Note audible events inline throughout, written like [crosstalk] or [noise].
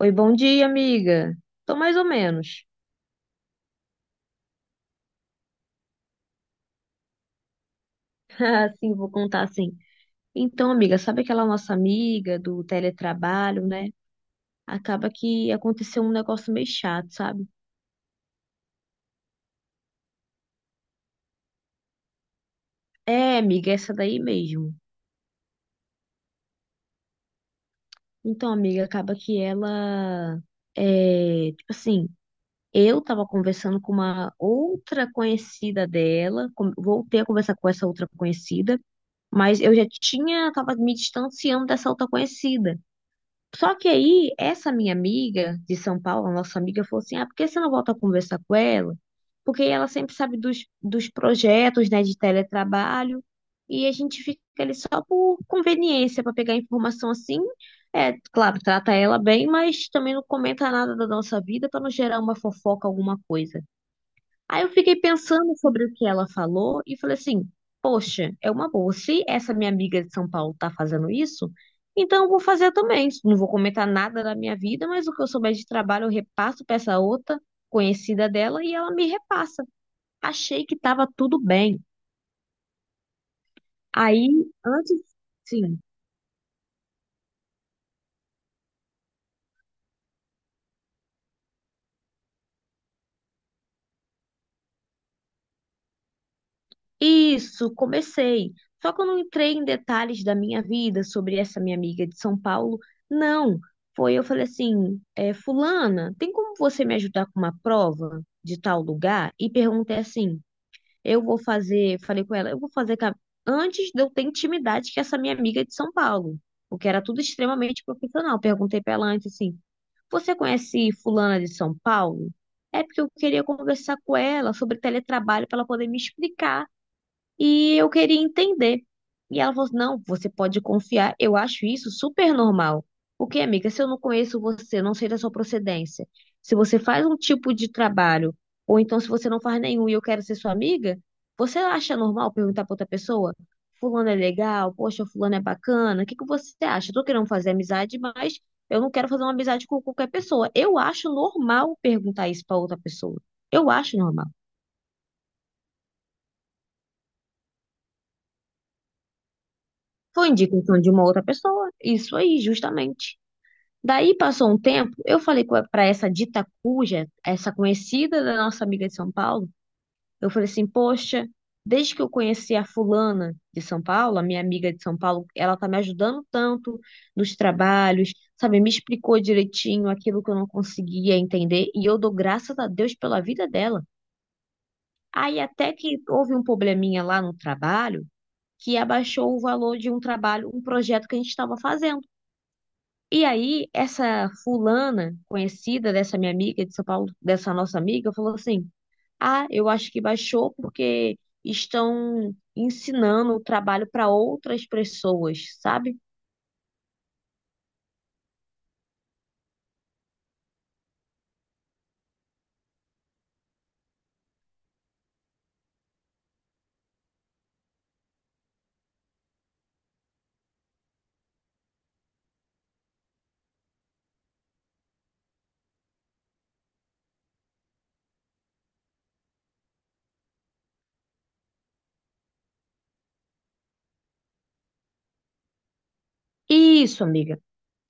Oi, bom dia, amiga. Tô mais ou menos. [laughs] Ah, sim, vou contar assim. Então, amiga, sabe aquela nossa amiga do teletrabalho, né? Acaba que aconteceu um negócio meio chato, sabe? É, amiga, essa daí mesmo. Então, amiga, acaba que ela é, tipo assim, eu tava conversando com uma outra conhecida dela, voltei a conversar com essa outra conhecida, mas eu já tinha, tava me distanciando dessa outra conhecida. Só que aí, essa minha amiga de São Paulo, a nossa amiga, falou assim: ah, por que você não volta a conversar com ela? Porque ela sempre sabe dos projetos, né, de teletrabalho, e a gente fica ali só por conveniência, para pegar informação assim. É, claro, trata ela bem, mas também não comenta nada da nossa vida para não gerar uma fofoca, alguma coisa. Aí eu fiquei pensando sobre o que ela falou e falei assim: poxa, é uma boa. Se essa minha amiga de São Paulo tá fazendo isso, então eu vou fazer também. Não vou comentar nada da minha vida, mas o que eu souber de trabalho eu repasso para essa outra conhecida dela e ela me repassa. Achei que tava tudo bem. Aí, antes, sim. Isso, comecei. Só que eu não entrei em detalhes da minha vida sobre essa minha amiga de São Paulo. Não, foi eu falei assim, é, fulana, tem como você me ajudar com uma prova de tal lugar? E perguntei assim, eu vou fazer, falei com ela, eu vou fazer ca- antes de eu ter intimidade com essa minha amiga de São Paulo, porque era tudo extremamente profissional. Perguntei pra ela antes assim, você conhece fulana de São Paulo? É porque eu queria conversar com ela sobre teletrabalho para ela poder me explicar. E eu queria entender. E ela falou assim, não, você pode confiar. Eu acho isso super normal. Porque, amiga, se eu não conheço você, eu não sei da sua procedência, se você faz um tipo de trabalho, ou então se você não faz nenhum e eu quero ser sua amiga, você acha normal perguntar pra outra pessoa? Fulano é legal, poxa, fulano é bacana, o que que você acha? Eu tô querendo fazer amizade, mas eu não quero fazer uma amizade com qualquer pessoa. Eu acho normal perguntar isso pra outra pessoa. Eu acho normal. Foi indicação de uma outra pessoa, isso aí, justamente. Daí passou um tempo, eu falei para essa dita cuja, essa conhecida da nossa amiga de São Paulo, eu falei assim: poxa, desde que eu conheci a fulana de São Paulo, a minha amiga de São Paulo, ela tá me ajudando tanto nos trabalhos, sabe? Me explicou direitinho aquilo que eu não conseguia entender e eu dou graças a Deus pela vida dela. Aí até que houve um probleminha lá no trabalho que abaixou o valor de um trabalho, um projeto que a gente estava fazendo. E aí, essa fulana conhecida dessa minha amiga de São Paulo, dessa nossa amiga, falou assim: ah, eu acho que baixou porque estão ensinando o trabalho para outras pessoas, sabe? Isso, amiga.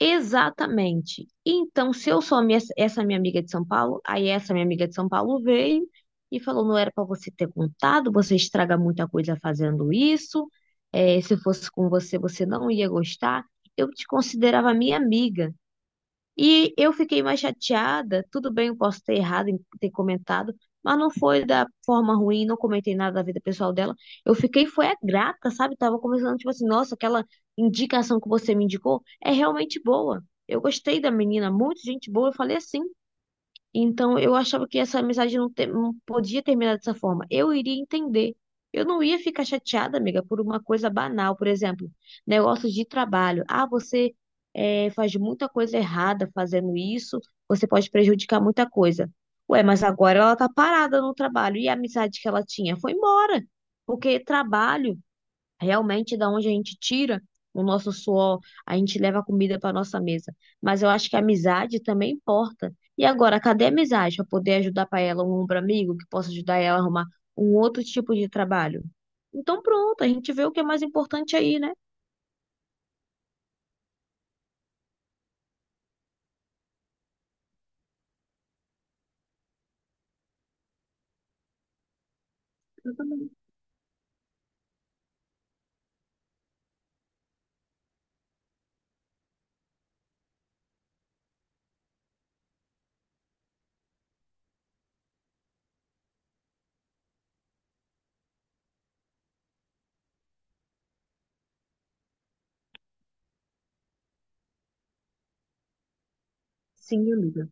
Exatamente. Então, se eu sou a essa minha amiga de São Paulo, aí essa minha amiga de São Paulo veio e falou: não era para você ter contado, você estraga muita coisa fazendo isso. Se fosse com você, você não ia gostar. Eu te considerava minha amiga. E eu fiquei mais chateada. Tudo bem, eu posso ter errado em ter comentado, mas não foi da forma ruim, não comentei nada da vida pessoal dela. Eu fiquei, foi a grata, sabe? Tava conversando, tipo assim, nossa, aquela indicação que você me indicou é realmente boa. Eu gostei da menina, muito gente boa. Eu falei assim. Então, eu achava que essa amizade não podia terminar dessa forma. Eu iria entender. Eu não ia ficar chateada, amiga, por uma coisa banal, por exemplo, negócio de trabalho. Ah, você faz muita coisa errada fazendo isso, você pode prejudicar muita coisa. Ué, mas agora ela tá parada no trabalho e a amizade que ela tinha foi embora. Porque trabalho, realmente, da onde a gente tira o nosso suor, a gente leva a comida para nossa mesa. Mas eu acho que a amizade também importa. E agora, cadê a amizade para poder ajudar para ela, um ombro amigo que possa ajudar ela a arrumar um outro tipo de trabalho? Então, pronto, a gente vê o que é mais importante aí, né? Exatamente. Sim, amiga.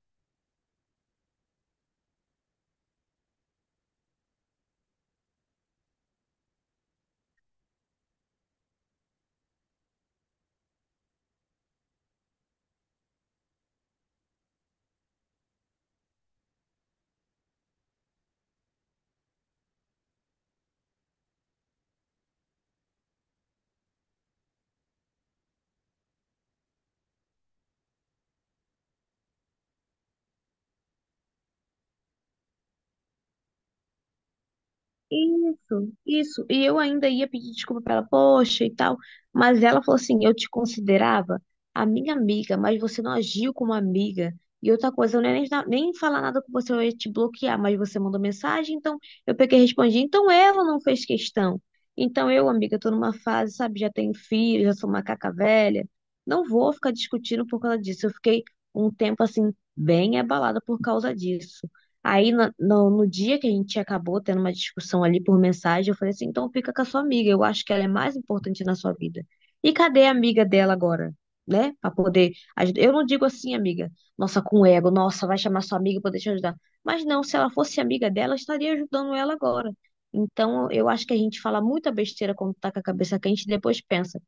Isso, isso. E eu ainda ia pedir desculpa pra ela, poxa e tal. Mas ela falou assim: eu te considerava a minha amiga, mas você não agiu como amiga. E outra coisa, eu nem falar nada com você, eu ia te bloquear, mas você mandou mensagem, então eu peguei e respondi. Então ela não fez questão. Então eu, amiga, tô numa fase, sabe, já tenho filho, já sou macaca velha. Não vou ficar discutindo por causa disso. Eu fiquei um tempo assim, bem abalada por causa disso. Aí, no dia que a gente acabou tendo uma discussão ali por mensagem, eu falei assim: então fica com a sua amiga, eu acho que ela é mais importante na sua vida. E cadê a amiga dela agora? Né? Pra poder ajudar. Eu não digo assim, amiga, nossa, com ego, nossa, vai chamar sua amiga pra poder te ajudar. Mas não, se ela fosse amiga dela, eu estaria ajudando ela agora. Então, eu acho que a gente fala muita besteira quando tá com a cabeça quente e depois pensa.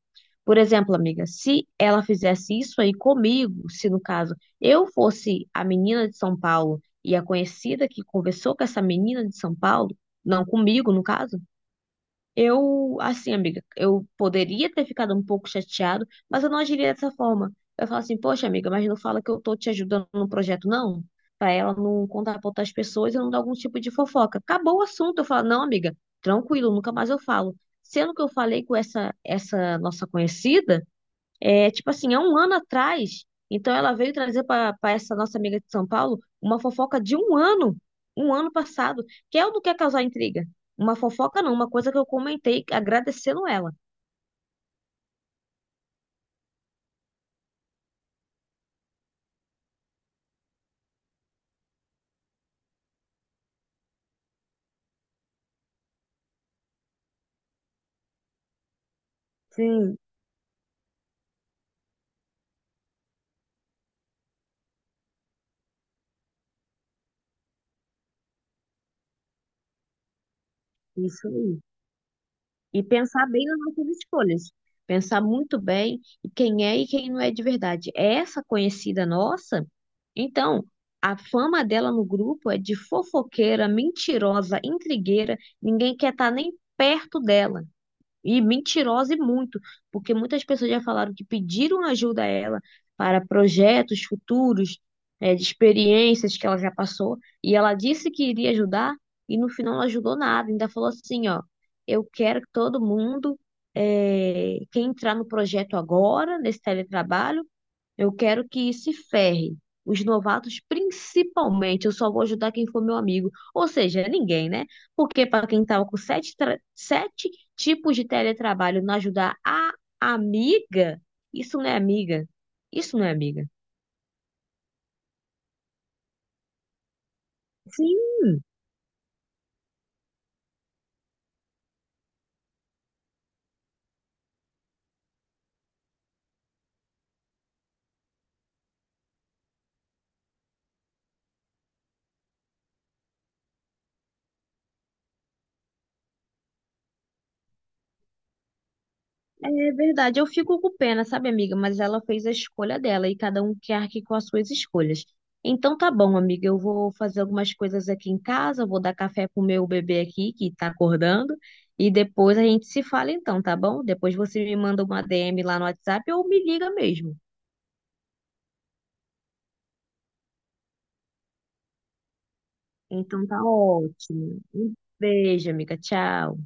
Por exemplo, amiga, se ela fizesse isso aí comigo, se no caso eu fosse a menina de São Paulo e a conhecida que conversou com essa menina de São Paulo, não comigo, no caso, eu, assim, amiga, eu poderia ter ficado um pouco chateado, mas eu não agiria dessa forma. Eu falo assim, poxa, amiga, mas não fala que eu tô te ajudando no projeto, não? Pra ela não contar pra outras pessoas e não dar algum tipo de fofoca. Acabou o assunto. Eu falo, não, amiga, tranquilo, nunca mais eu falo. Sendo que eu falei com essa nossa conhecida. É, tipo assim, há um ano atrás. Então ela veio trazer para essa nossa amiga de São Paulo uma fofoca de um ano passado, que ela não quer causar intriga. Uma fofoca não, uma coisa que eu comentei agradecendo ela. Sim, isso aí. E pensar bem nas nossas escolhas. Pensar muito bem em quem é e quem não é de verdade. Essa conhecida nossa, então, a fama dela no grupo é de fofoqueira, mentirosa, intrigueira, ninguém quer estar nem perto dela. E mentirosa e muito, porque muitas pessoas já falaram que pediram ajuda a ela para projetos futuros, de experiências que ela já passou, e ela disse que iria ajudar, e no final não ajudou nada, ainda falou assim, ó, eu quero que todo mundo, quem entrar no projeto agora, nesse teletrabalho, eu quero que se ferre. Os novatos, principalmente, eu só vou ajudar quem for meu amigo. Ou seja, ninguém, né? Porque para quem estava com sete tipos de teletrabalho não ajudar a amiga, isso não é amiga. Isso não é amiga. É verdade, eu fico com pena, sabe, amiga? Mas ela fez a escolha dela e cada um que arque com as suas escolhas. Então tá bom, amiga, eu vou fazer algumas coisas aqui em casa, vou dar café pro meu bebê aqui que tá acordando e depois a gente se fala então, tá bom? Depois você me manda uma DM lá no WhatsApp ou me liga mesmo. Então tá ótimo. Um beijo, amiga, tchau.